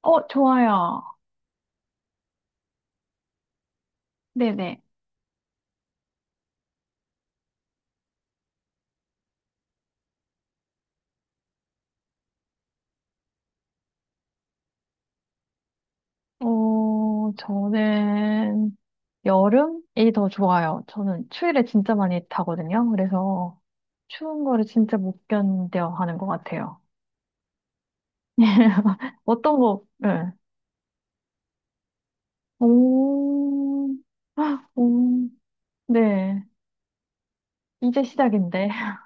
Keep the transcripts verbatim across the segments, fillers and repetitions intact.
어, 좋아요. 네네. 어, 저는 여름이 더 좋아요. 저는 추위를 진짜 많이 타거든요. 그래서 추운 거를 진짜 못 견뎌 하는 것 같아요. 어떤 거, 네. 오, 아, 오, 네. 이제 시작인데.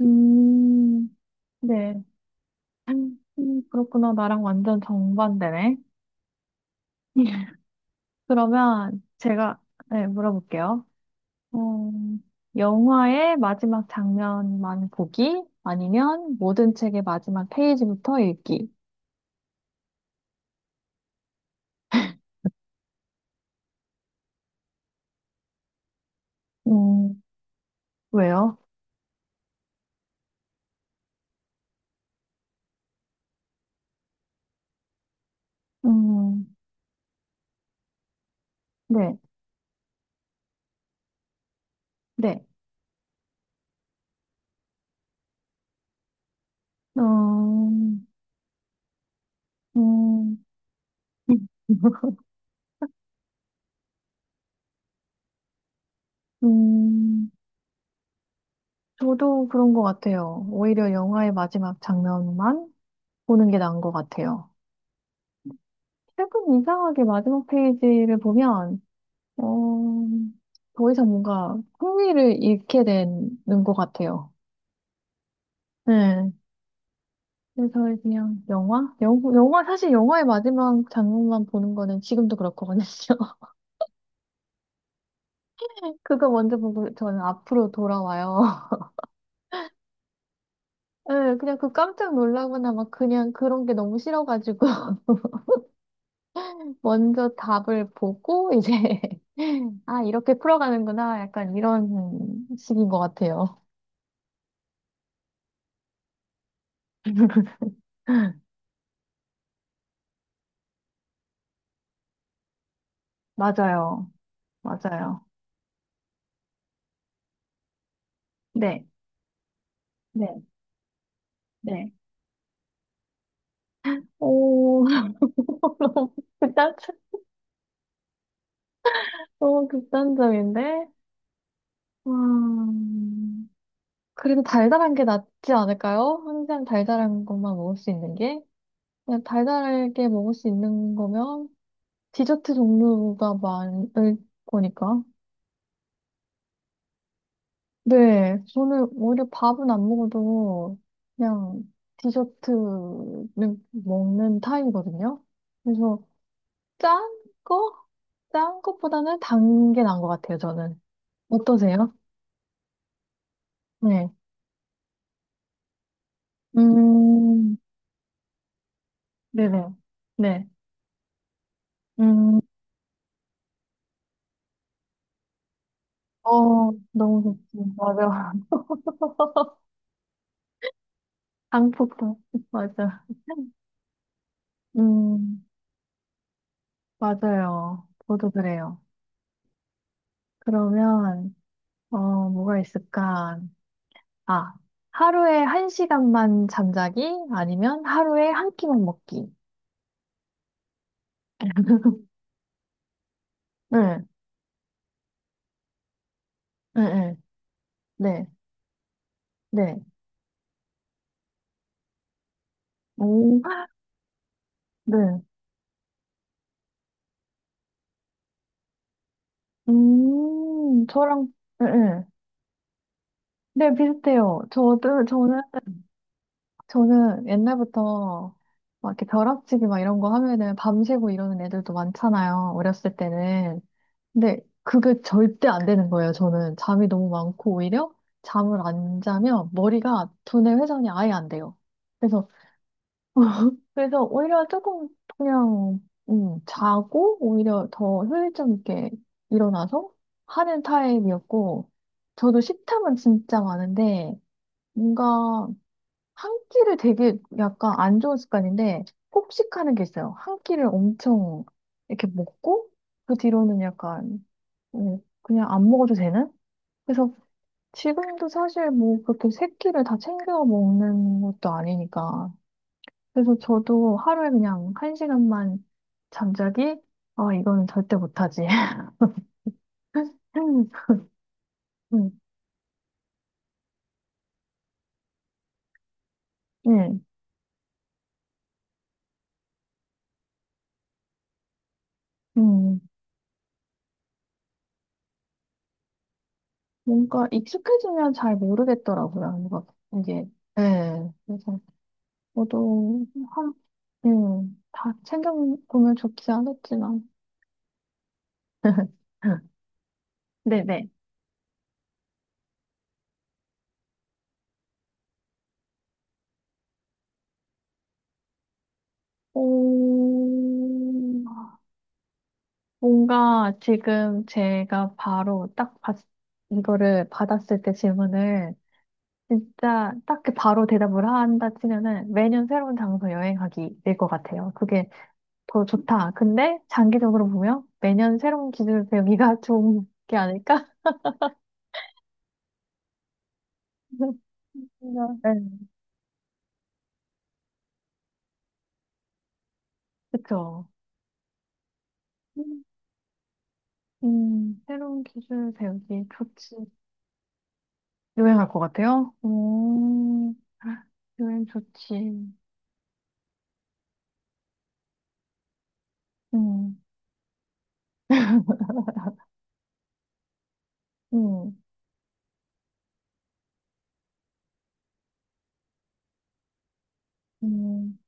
음, 네. 음, 그렇구나. 나랑 완전 정반대네. 그러면 제가, 네, 물어볼게요. 어, 영화의 마지막 장면만 보기 아니면 모든 책의 마지막 페이지부터 읽기. 음, 왜요? 음, 네, 네. 음, 음, 음, 저도 그런 것 같아요. 오히려 영화의 마지막 장면만 보는 게 나은 것 같아요. 책은 이상하게 마지막 페이지를 보면, 어, 더 이상 뭔가 흥미를 잃게 되는 것 같아요. 네. 그래서 그냥 영화? 영화, 영화 사실 영화의 마지막 장면만 보는 거는 지금도 그렇거든요. 그거 먼저 보고 저는 앞으로 돌아와요. 네, 그냥 그 깜짝 놀라거나 막 그냥 그런 게 너무 싫어가지고 먼저 답을 보고 이제 아 이렇게 풀어가는구나 약간 이런 식인 것 같아요. 맞아요. 맞아요. 네. 네. 네. 오 너무 극단 너무 극단적인데. 와. 그래도 달달한 게 낫지 않을까요? 항상 달달한 것만 먹을 수 있는 게. 그냥 달달하게 먹을 수 있는 거면 디저트 종류가 많을 거니까. 네, 저는 오히려 밥은 안 먹어도 그냥 디저트는 먹는 타입이거든요. 그래서 짠 거? 짠 것보다는 단 게 나은 것 같아요, 저는. 어떠세요? 네. 음, 네네. 네. 음, 어, 너무 좋지. 맞아. 한국도. 맞아. 음, 맞아요. 저도 그래요. 그러면, 어, 뭐가 있을까? 아, 하루에 한 시간만 잠자기? 아니면 하루에 한 끼만 먹기? 응, 응, 응. 네, 네. 오, 네. 음, 저랑, 응, 응. 네, 비슷해요. 저도, 저는 저는 옛날부터 막 이렇게 벼락치기 막 이런 거 하면은 밤새고 이러는 애들도 많잖아요. 어렸을 때는. 근데 그게 절대 안 되는 거예요. 저는 잠이 너무 많고 오히려 잠을 안 자면 머리가 두뇌 회전이 아예 안 돼요. 그래서 그래서 오히려 조금 그냥 음, 자고 오히려 더 효율적 있게 일어나서 하는 타입이었고 저도 식탐은 진짜 많은데 뭔가 한 끼를 되게 약간 안 좋은 습관인데 폭식하는 게 있어요. 한 끼를 엄청 이렇게 먹고 그 뒤로는 약간 어, 그냥 안 먹어도 되는? 그래서 지금도 사실 뭐 그렇게 세 끼를 다 챙겨 먹는 것도 아니니까. 그래서 저도 하루에 그냥 한 시간만 잠자기? 아, 이거는 절대 못하지. 음, 음, 음. 음. 뭔가 익숙해지면 잘 모르겠더라고요. 뭔가 이게, 예. 그래서 저도 음, 다 챙겨보면 좋지 않았지만. 네네. 오, 뭔가 지금 제가 바로 딱 봤, 이거를 받았을 때 질문을 진짜 딱 그 바로 대답을 한다 치면은 매년 새로운 장소 여행하기 될 것 같아요. 그게 더 좋다. 근데 장기적으로 보면 매년 새로운 기술을 배우기가 좋은 게 아닐까? 뭔가, 네. 그쵸. 음, 새로운 기술 배우기 좋지. 여행 할 것 같아요? 음, 여행 좋지. 음, 음, 음.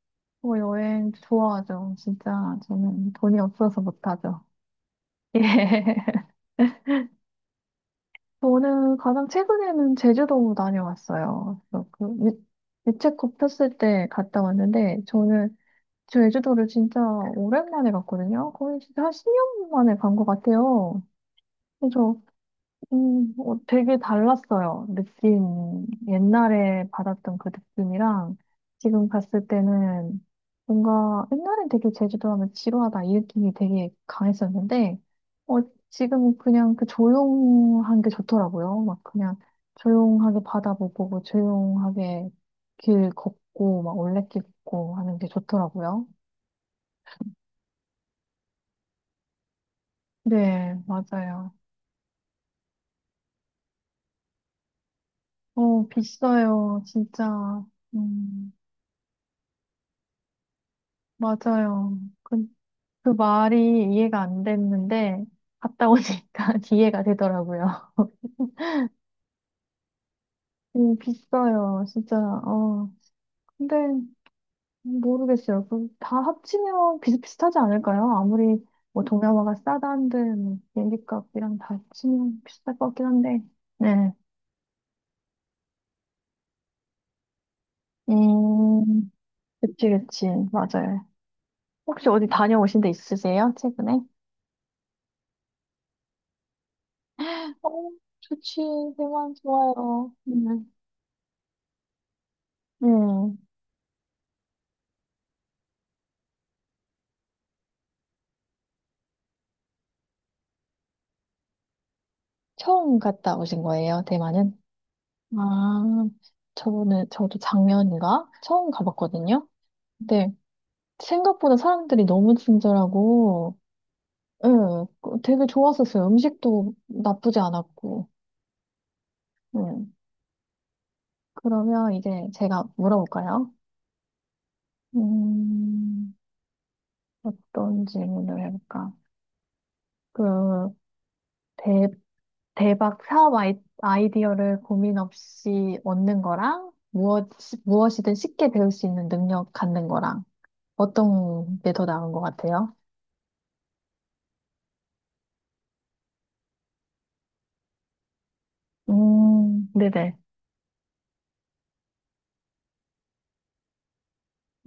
뭐 여행 좋아하죠. 진짜 저는 돈이 없어서 못하죠. 예. 저는 가장 최근에는 제주도 다녀왔어요. 그래서 그 유- 유채꽃 폈을 때 갔다 왔는데 저는 제주도를 진짜 오랜만에 갔거든요. 거의 진짜 한 십 년 만에 간 것 같아요. 그래서 음, 어, 되게 달랐어요. 느낌. 옛날에 받았던 그 느낌이랑 지금 갔을 때는 뭔가 옛날엔 되게 제주도 하면 지루하다 이 느낌이 되게 강했었는데, 어, 지금 그냥 그 조용한 게 좋더라고요. 막 그냥 조용하게 바다 보고 뭐 조용하게 길 걷고 막 올레길 걷고 하는 게 좋더라고요. 네, 맞아요. 어, 비싸요. 진짜. 음, 맞아요. 그 말이 이해가 안 됐는데, 갔다 오니까 이해가 되더라고요. 음, 비싸요, 진짜. 어. 근데, 모르겠어요. 그다 합치면 비슷비슷하지 않을까요? 아무리, 뭐, 동남아가 싸다는데, 뭐, 비행기 값이랑 다 합치면 비슷할 것 같긴 한데. 네. 음, 그치, 그치. 맞아요. 혹시 어디 다녀오신 데 있으세요? 최근에? 어, 좋지. 대만 좋아요. 음. 음. 처음 갔다 오신 거예요, 대만은? 아, 저는, 저도 작년인가? 처음 가봤거든요? 근데 생각보다 사람들이 너무 친절하고, 예, 그- 되게 좋았었어요. 음식도 나쁘지 않았고, 음. 그러면 이제 제가 물어볼까요? 음, 어떤 질문을 해볼까? 그, 대, 대박 사업 아이, 아이디어를 고민 없이 얻는 거랑, 무엇, 무엇이든 쉽게 배울 수 있는 능력 갖는 거랑, 어떤 게 더 나은 것 같아요? 음, 네네.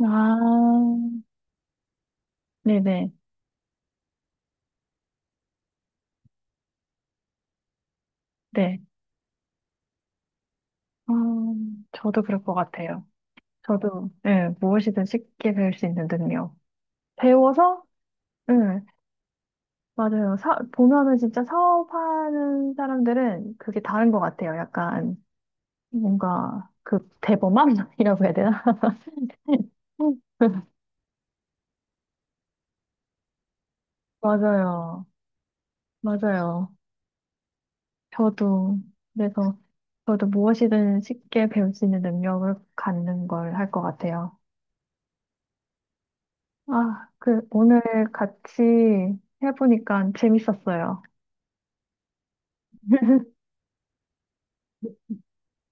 아, 네네. 네. 아, 저도 그럴 것 같아요. 저도, 예, 무엇이든 쉽게 배울 수 있는 능력. 배워서, 예, 맞아요. 사, 보면은 진짜 사업하는 사람들은 그게 다른 것 같아요. 약간, 뭔가, 그, 대범함이라고 해야 되나? 맞아요. 맞아요. 저도, 그래서, 저도 무엇이든 쉽게 배울 수 있는 능력을 갖는 걸 할 것 같아요. 아, 그, 오늘 같이 해보니까 재밌었어요.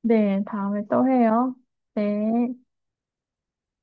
네, 다음에 또 해요. 네.